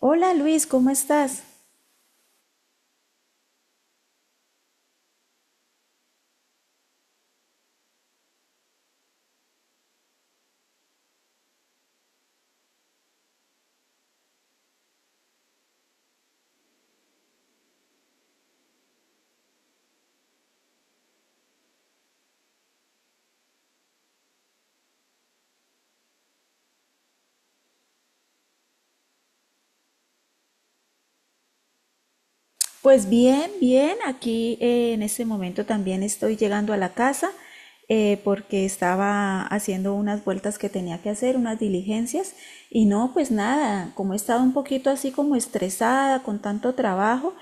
Hola Luis, ¿cómo estás? Pues bien, bien, aquí en este momento también estoy llegando a la casa porque estaba haciendo unas vueltas que tenía que hacer, unas diligencias. Y no, pues nada, como he estado un poquito así como estresada con tanto trabajo,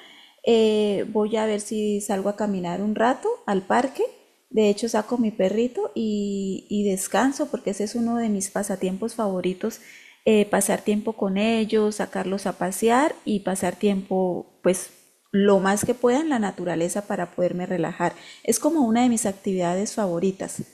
voy a ver si salgo a caminar un rato al parque. De hecho, saco mi perrito y descanso porque ese es uno de mis pasatiempos favoritos. Pasar tiempo con ellos, sacarlos a pasear y pasar tiempo pues lo más que pueda en la naturaleza para poderme relajar. Es como una de mis actividades favoritas.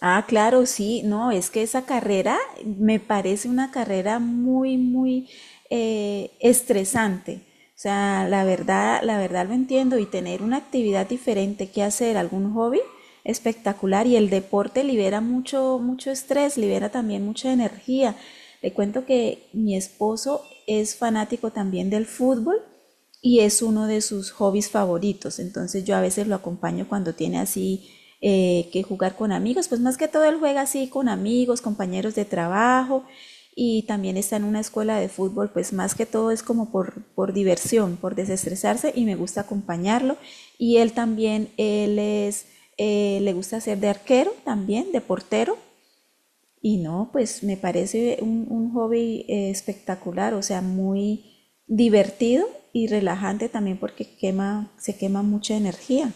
Ah, claro, sí, no, es que esa carrera me parece una carrera muy, muy estresante. O sea, la verdad lo entiendo, y tener una actividad diferente que hacer, algún hobby espectacular. Y el deporte libera mucho, mucho estrés, libera también mucha energía. Le cuento que mi esposo es fanático también del fútbol y es uno de sus hobbies favoritos. Entonces yo a veces lo acompaño cuando tiene así que jugar con amigos. Pues más que todo él juega así con amigos, compañeros de trabajo, y también está en una escuela de fútbol. Pues más que todo es como por diversión, por desestresarse, y me gusta acompañarlo. Y él también, le gusta ser de arquero también, de portero. Y no, pues me parece un hobby espectacular, o sea, muy divertido y relajante también, porque quema, se quema mucha energía.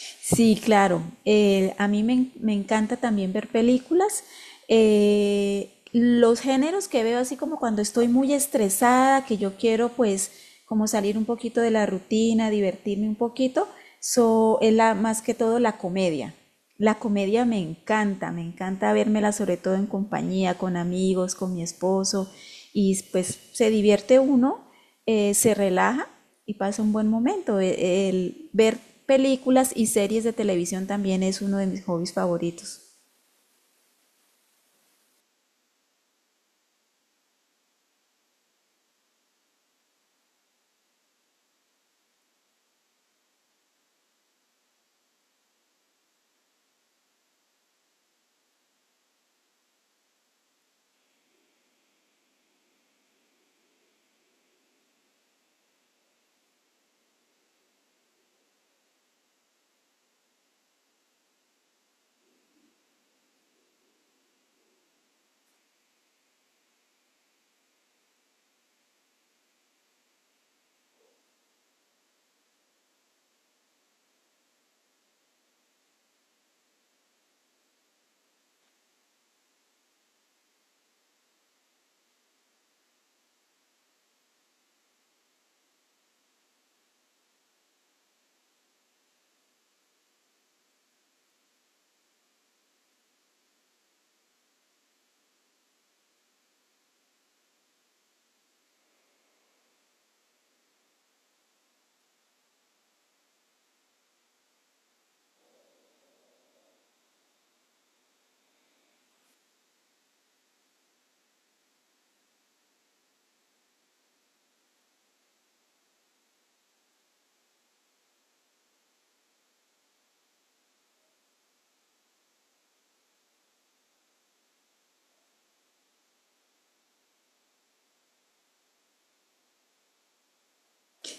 Sí, claro, a mí me encanta también ver películas. Los géneros que veo así como cuando estoy muy estresada, que yo quiero pues como salir un poquito de la rutina, divertirme un poquito, so, es la, más que todo la comedia. La comedia me encanta vérmela sobre todo en compañía, con amigos, con mi esposo, y pues se divierte uno, se relaja y pasa un buen momento. El ver películas y series de televisión también es uno de mis hobbies favoritos.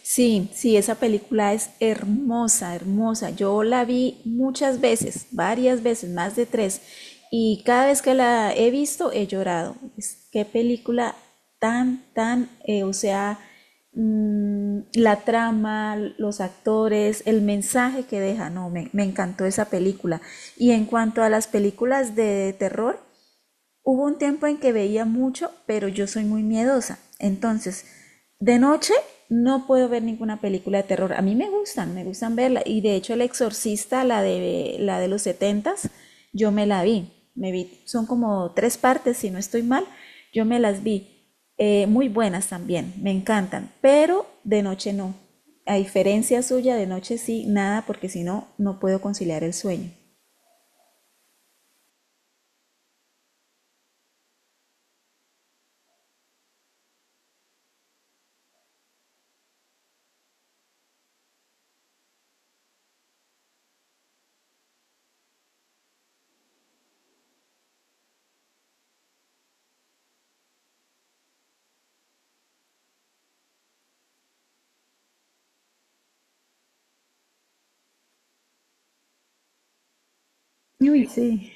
Sí, sí, esa película es hermosa, hermosa. Yo la vi muchas veces, varias veces, más de tres, y cada vez que la he visto he llorado. Es- qué película tan, tan, o sea, mm, la trama, los actores, el mensaje que deja, no, me encantó esa película. Y en cuanto a las películas de terror, hubo un tiempo en que veía mucho, pero yo soy muy miedosa. Entonces, de noche no puedo ver ninguna película de terror. A mí me gustan verla. Y de hecho, El Exorcista, la de los setentas, yo me la vi. Me vi, son como tres partes, si no estoy mal, yo me las vi. Muy buenas también, me encantan, pero de noche no. A diferencia suya, de noche sí, nada, porque si no, no puedo conciliar el sueño. Uy, sí.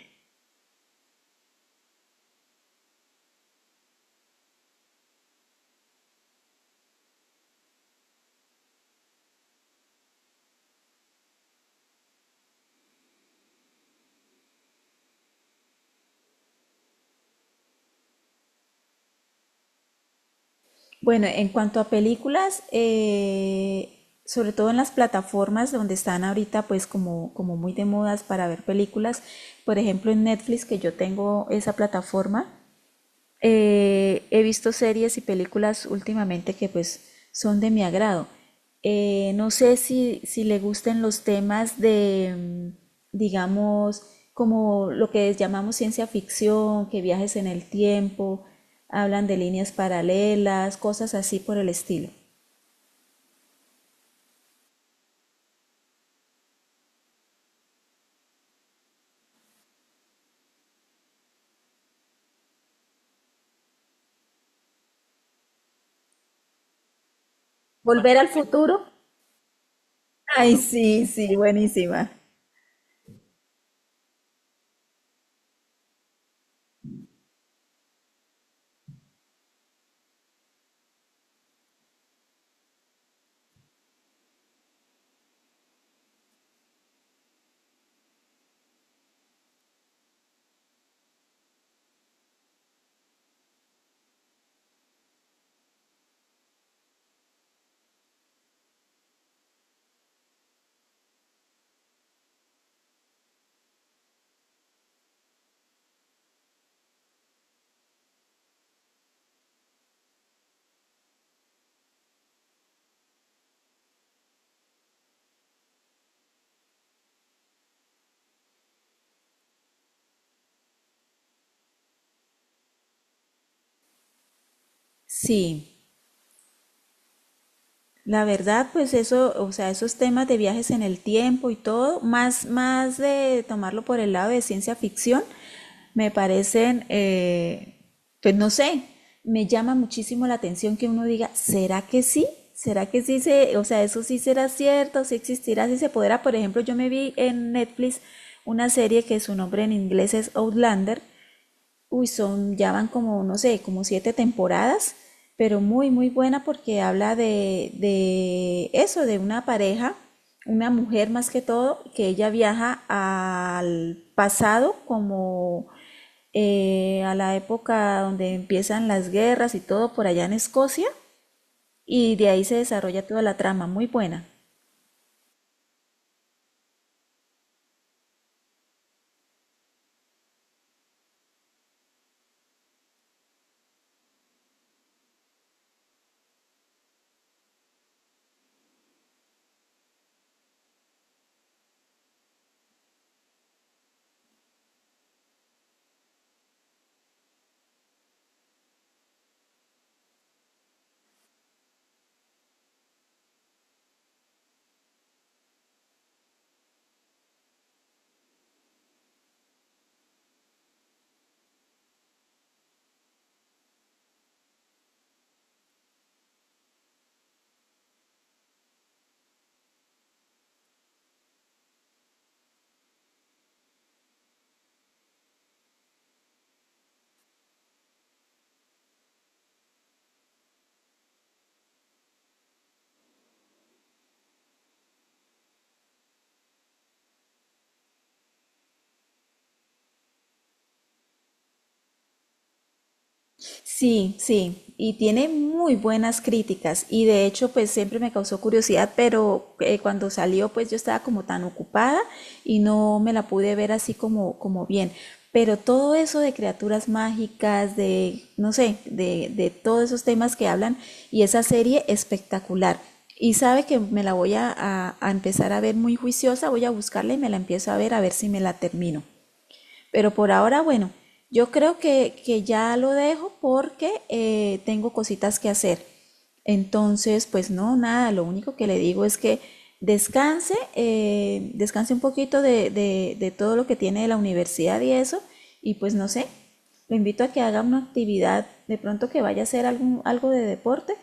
Bueno, en cuanto a películas, sobre todo en las plataformas donde están ahorita pues como, como muy de modas para ver películas, por ejemplo en Netflix, que yo tengo esa plataforma, he visto series y películas últimamente que pues son de mi agrado. No sé si le gusten los temas de, mm, digamos, como lo que llamamos ciencia ficción, que viajes en el tiempo, hablan de líneas paralelas, cosas así por el estilo. ¿Volver al futuro? Ay, sí, sí, buenísima. Sí, la verdad, pues eso, o sea, esos temas de viajes en el tiempo y todo, más, más de tomarlo por el lado de ciencia ficción, me parecen, pues no sé, me llama muchísimo la atención que uno diga, ¿será que sí? ¿Será que sí se, o sea, eso sí será cierto, sí existirá, sí se podrá? Por ejemplo, yo me vi en Netflix una serie que su nombre en inglés es Outlander. Uy, son, ya van como, no sé, como siete temporadas, pero muy, muy buena porque habla de eso, de una pareja, una mujer más que todo, que ella viaja al pasado como a la época donde empiezan las guerras y todo por allá en Escocia, y de ahí se desarrolla toda la trama, muy buena. Sí, sí, y tiene muy buenas críticas, y de hecho pues siempre me causó curiosidad, pero cuando salió pues yo estaba como tan ocupada y no me la pude ver así como, como bien. Pero todo eso de criaturas mágicas, de, no sé, de todos esos temas que hablan, y esa serie espectacular. Y sabe que me la voy a, a empezar a ver muy juiciosa, voy a buscarla y me la empiezo a ver si me la termino. Pero por ahora, bueno, yo creo que ya lo dejo porque tengo cositas que hacer. Entonces, pues no, nada, lo único que le digo es que descanse, descanse un poquito de todo lo que tiene de la universidad y eso, y pues no sé, lo invito a que haga una actividad, de pronto que vaya a hacer algún, algo de deporte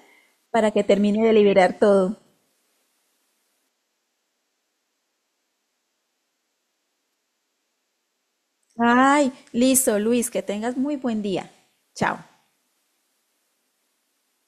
para que termine de liberar todo. Ay, listo, Luis, que tengas muy buen día. Chao.